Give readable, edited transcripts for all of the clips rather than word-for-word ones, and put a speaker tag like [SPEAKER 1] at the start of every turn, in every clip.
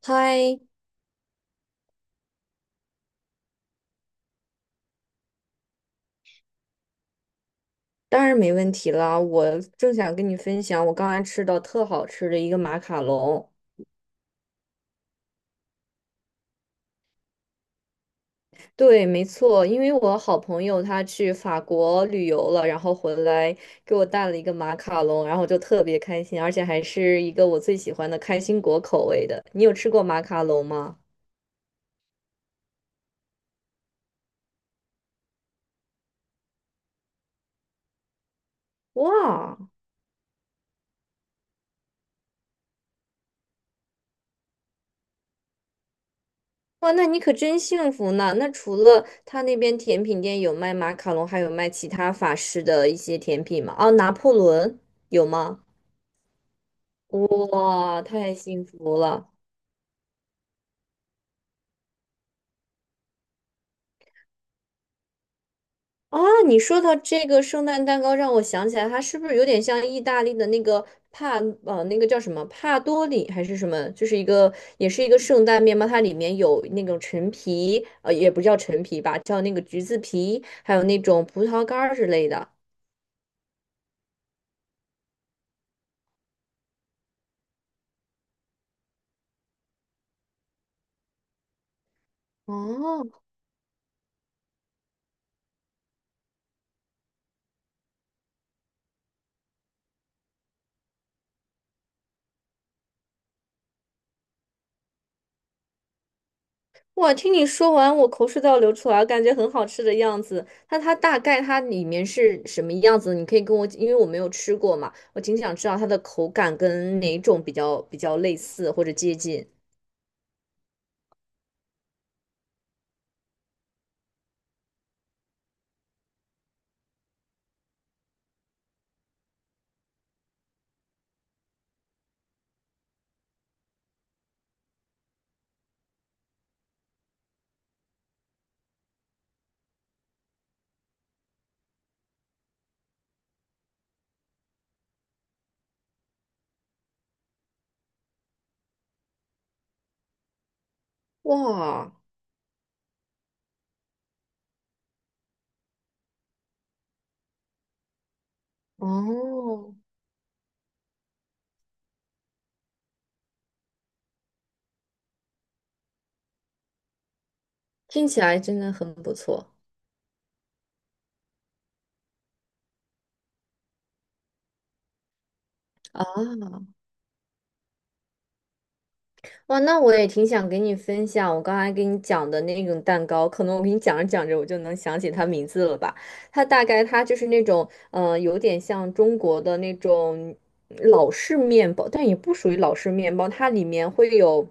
[SPEAKER 1] 嗨，当然没问题啦！我正想跟你分享我刚才吃到特好吃的一个马卡龙。对，没错，因为我好朋友他去法国旅游了，然后回来给我带了一个马卡龙，然后我就特别开心，而且还是一个我最喜欢的开心果口味的。你有吃过马卡龙吗？哇哇，那你可真幸福呢！那除了他那边甜品店有卖马卡龙，还有卖其他法式的一些甜品吗？哦，拿破仑有吗？哇，太幸福了啊！你说到这个圣诞蛋糕，让我想起来，它是不是有点像意大利的那个帕那个叫什么帕多里还是什么？就是一个也是一个圣诞面包，它里面有那种陈皮，也不叫陈皮吧，叫那个橘子皮，还有那种葡萄干儿之类的。哦，哇，听你说完，我口水都要流出来了，感觉很好吃的样子。那它大概它里面是什么样子？你可以跟我，因为我没有吃过嘛，我挺想知道它的口感跟哪种比较类似或者接近。哇，哦，听起来真的很不错啊！哇，那我也挺想给你分享我刚才给你讲的那种蛋糕，可能我给你讲着讲着我就能想起它名字了吧。它大概它就是那种有点像中国的那种老式面包，但也不属于老式面包，它里面会有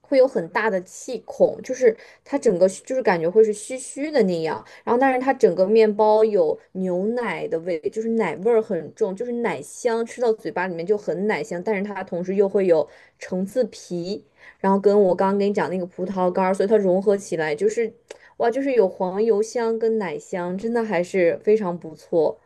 [SPEAKER 1] 会有很大的气孔，就是它整个就是感觉会是虚虚的那样。然后，但是它整个面包有牛奶的味，就是奶味儿很重，就是奶香，吃到嘴巴里面就很奶香，但是它同时又会有橙子皮，然后跟我刚刚跟你讲那个葡萄干儿，所以它融合起来就是。哇，就是有黄油香跟奶香，真的还是非常不错。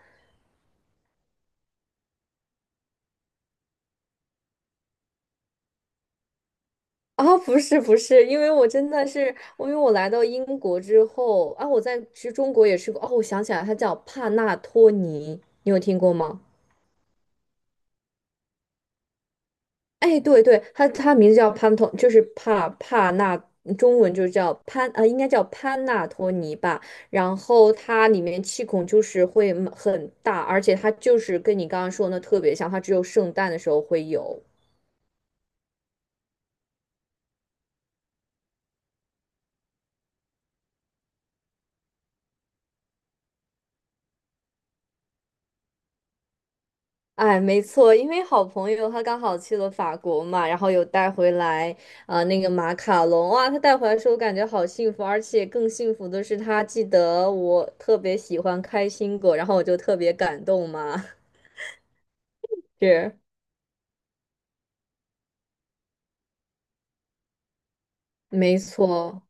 [SPEAKER 1] 哦，不是不是，因为我真的是，我因为我来到英国之后啊，我在其实中国也吃过哦，我想起来，它叫帕纳托尼，你有听过吗？哎，对对，它名字叫潘托，就是帕帕纳，中文就是叫潘，应该叫潘纳托尼吧。然后它里面气孔就是会很大，而且它就是跟你刚刚说的那特别像，它只有圣诞的时候会有。哎，没错，因为好朋友他刚好去了法国嘛，然后有带回来那个马卡龙，哇，他带回来的时候我感觉好幸福，而且更幸福的是他记得我特别喜欢开心果，然后我就特别感动嘛，是，没错。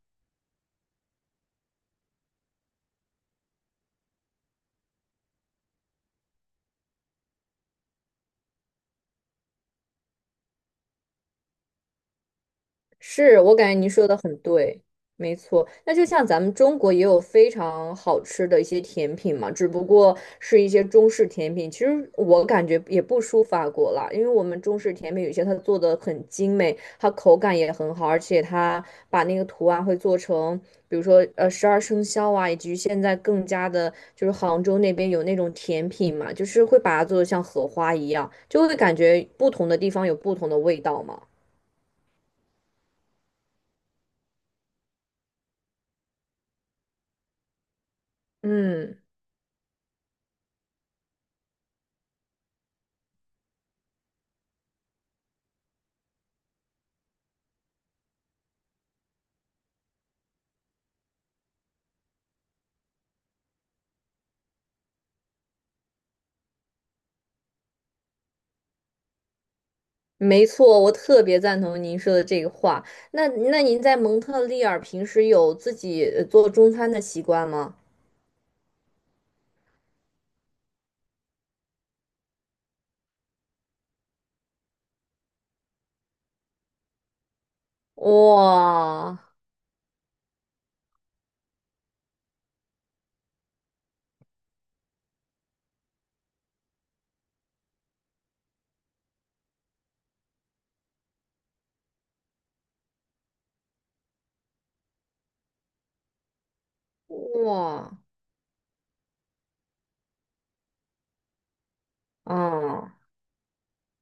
[SPEAKER 1] 是，我感觉您说的很对，没错。那就像咱们中国也有非常好吃的一些甜品嘛，只不过是一些中式甜品。其实我感觉也不输法国啦，因为我们中式甜品有些它做的很精美，它口感也很好，而且它把那个图案会做成，比如说十二生肖啊，以及现在更加的就是杭州那边有那种甜品嘛，就是会把它做的像荷花一样，就会感觉不同的地方有不同的味道嘛。嗯。没错，我特别赞同您说的这个话。那您在蒙特利尔平时有自己做中餐的习惯吗？哇哇啊！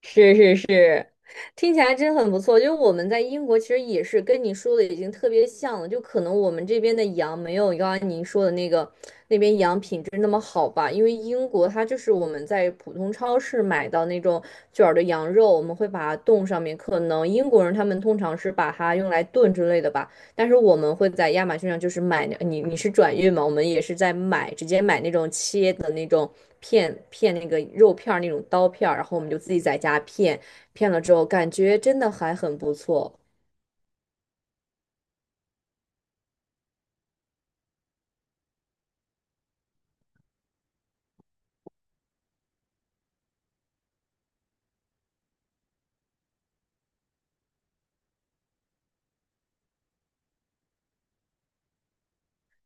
[SPEAKER 1] 是是是，听起来真很不错。就是我们在英国其实也是跟你说的已经特别像了，就可能我们这边的羊没有刚刚您说的那个那边羊品质那么好吧，因为英国它就是我们在普通超市买到那种卷儿的羊肉，我们会把它冻上面，可能英国人他们通常是把它用来炖之类的吧。但是我们会在亚马逊上就是买你是转运嘛？我们也是在买，直接买那种切的那种片片那个肉片儿那种刀片儿，然后我们就自己在家片，片了之后感觉真的还很不错。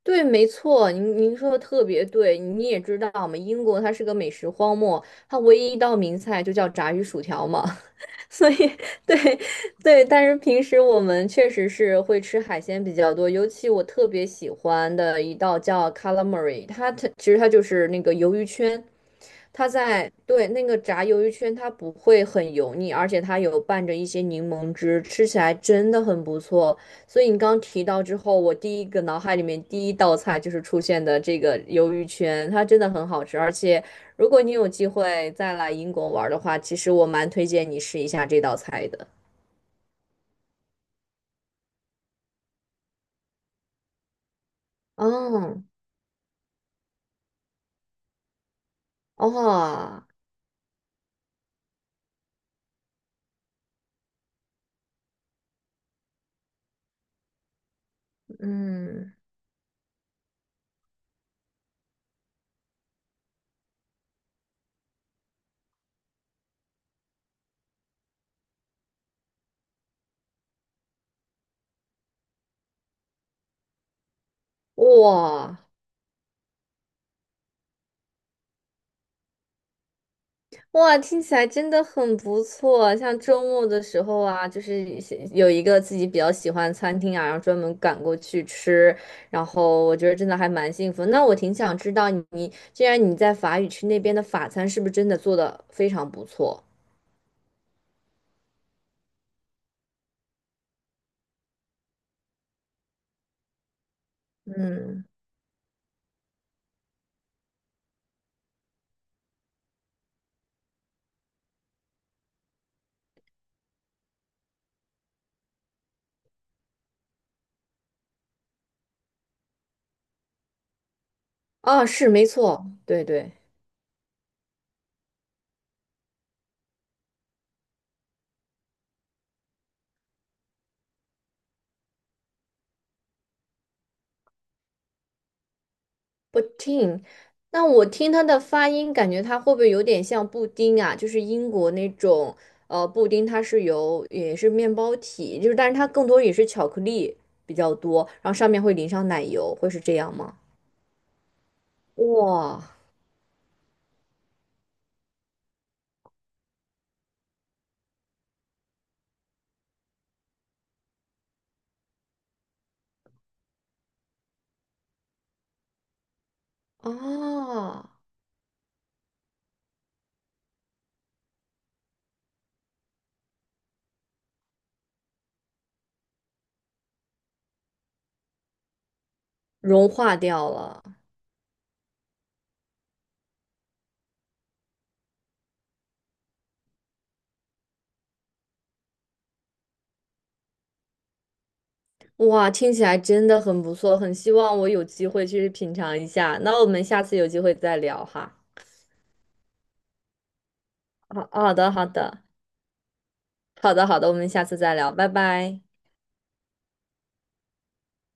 [SPEAKER 1] 对，没错，您说的特别对。你也知道嘛，英国它是个美食荒漠，它唯一一道名菜就叫炸鱼薯条嘛。所以，对对，但是平时我们确实是会吃海鲜比较多，尤其我特别喜欢的一道叫 calamari，它其实它就是那个鱿鱼圈，它在，对，那个炸鱿鱼圈，它不会很油腻，而且它有拌着一些柠檬汁，吃起来真的很不错。所以你刚提到之后，我第一个脑海里面第一道菜就是出现的这个鱿鱼圈，它真的很好吃。而且如果你有机会再来英国玩儿的话，其实我蛮推荐你试一下这道菜的。哦，哦，嗯，哇。哇，听起来真的很不错。像周末的时候啊，就是一些有一个自己比较喜欢的餐厅啊，然后专门赶过去吃，然后我觉得真的还蛮幸福。那我挺想知道你，既然你在法语区那边的法餐是不是真的做的非常不错？嗯，啊，是没错，对对。不听，那我听它的发音，感觉它会不会有点像布丁啊？就是英国那种，布丁它是由也是面包体，但是它更多也是巧克力比较多，然后上面会淋上奶油，会是这样吗？哇，啊，融化掉了，哇，听起来真的很不错，很希望我有机会去品尝一下。那我们下次有机会再聊哈。好，好的，好的，好的，好的，我们下次再聊，拜拜。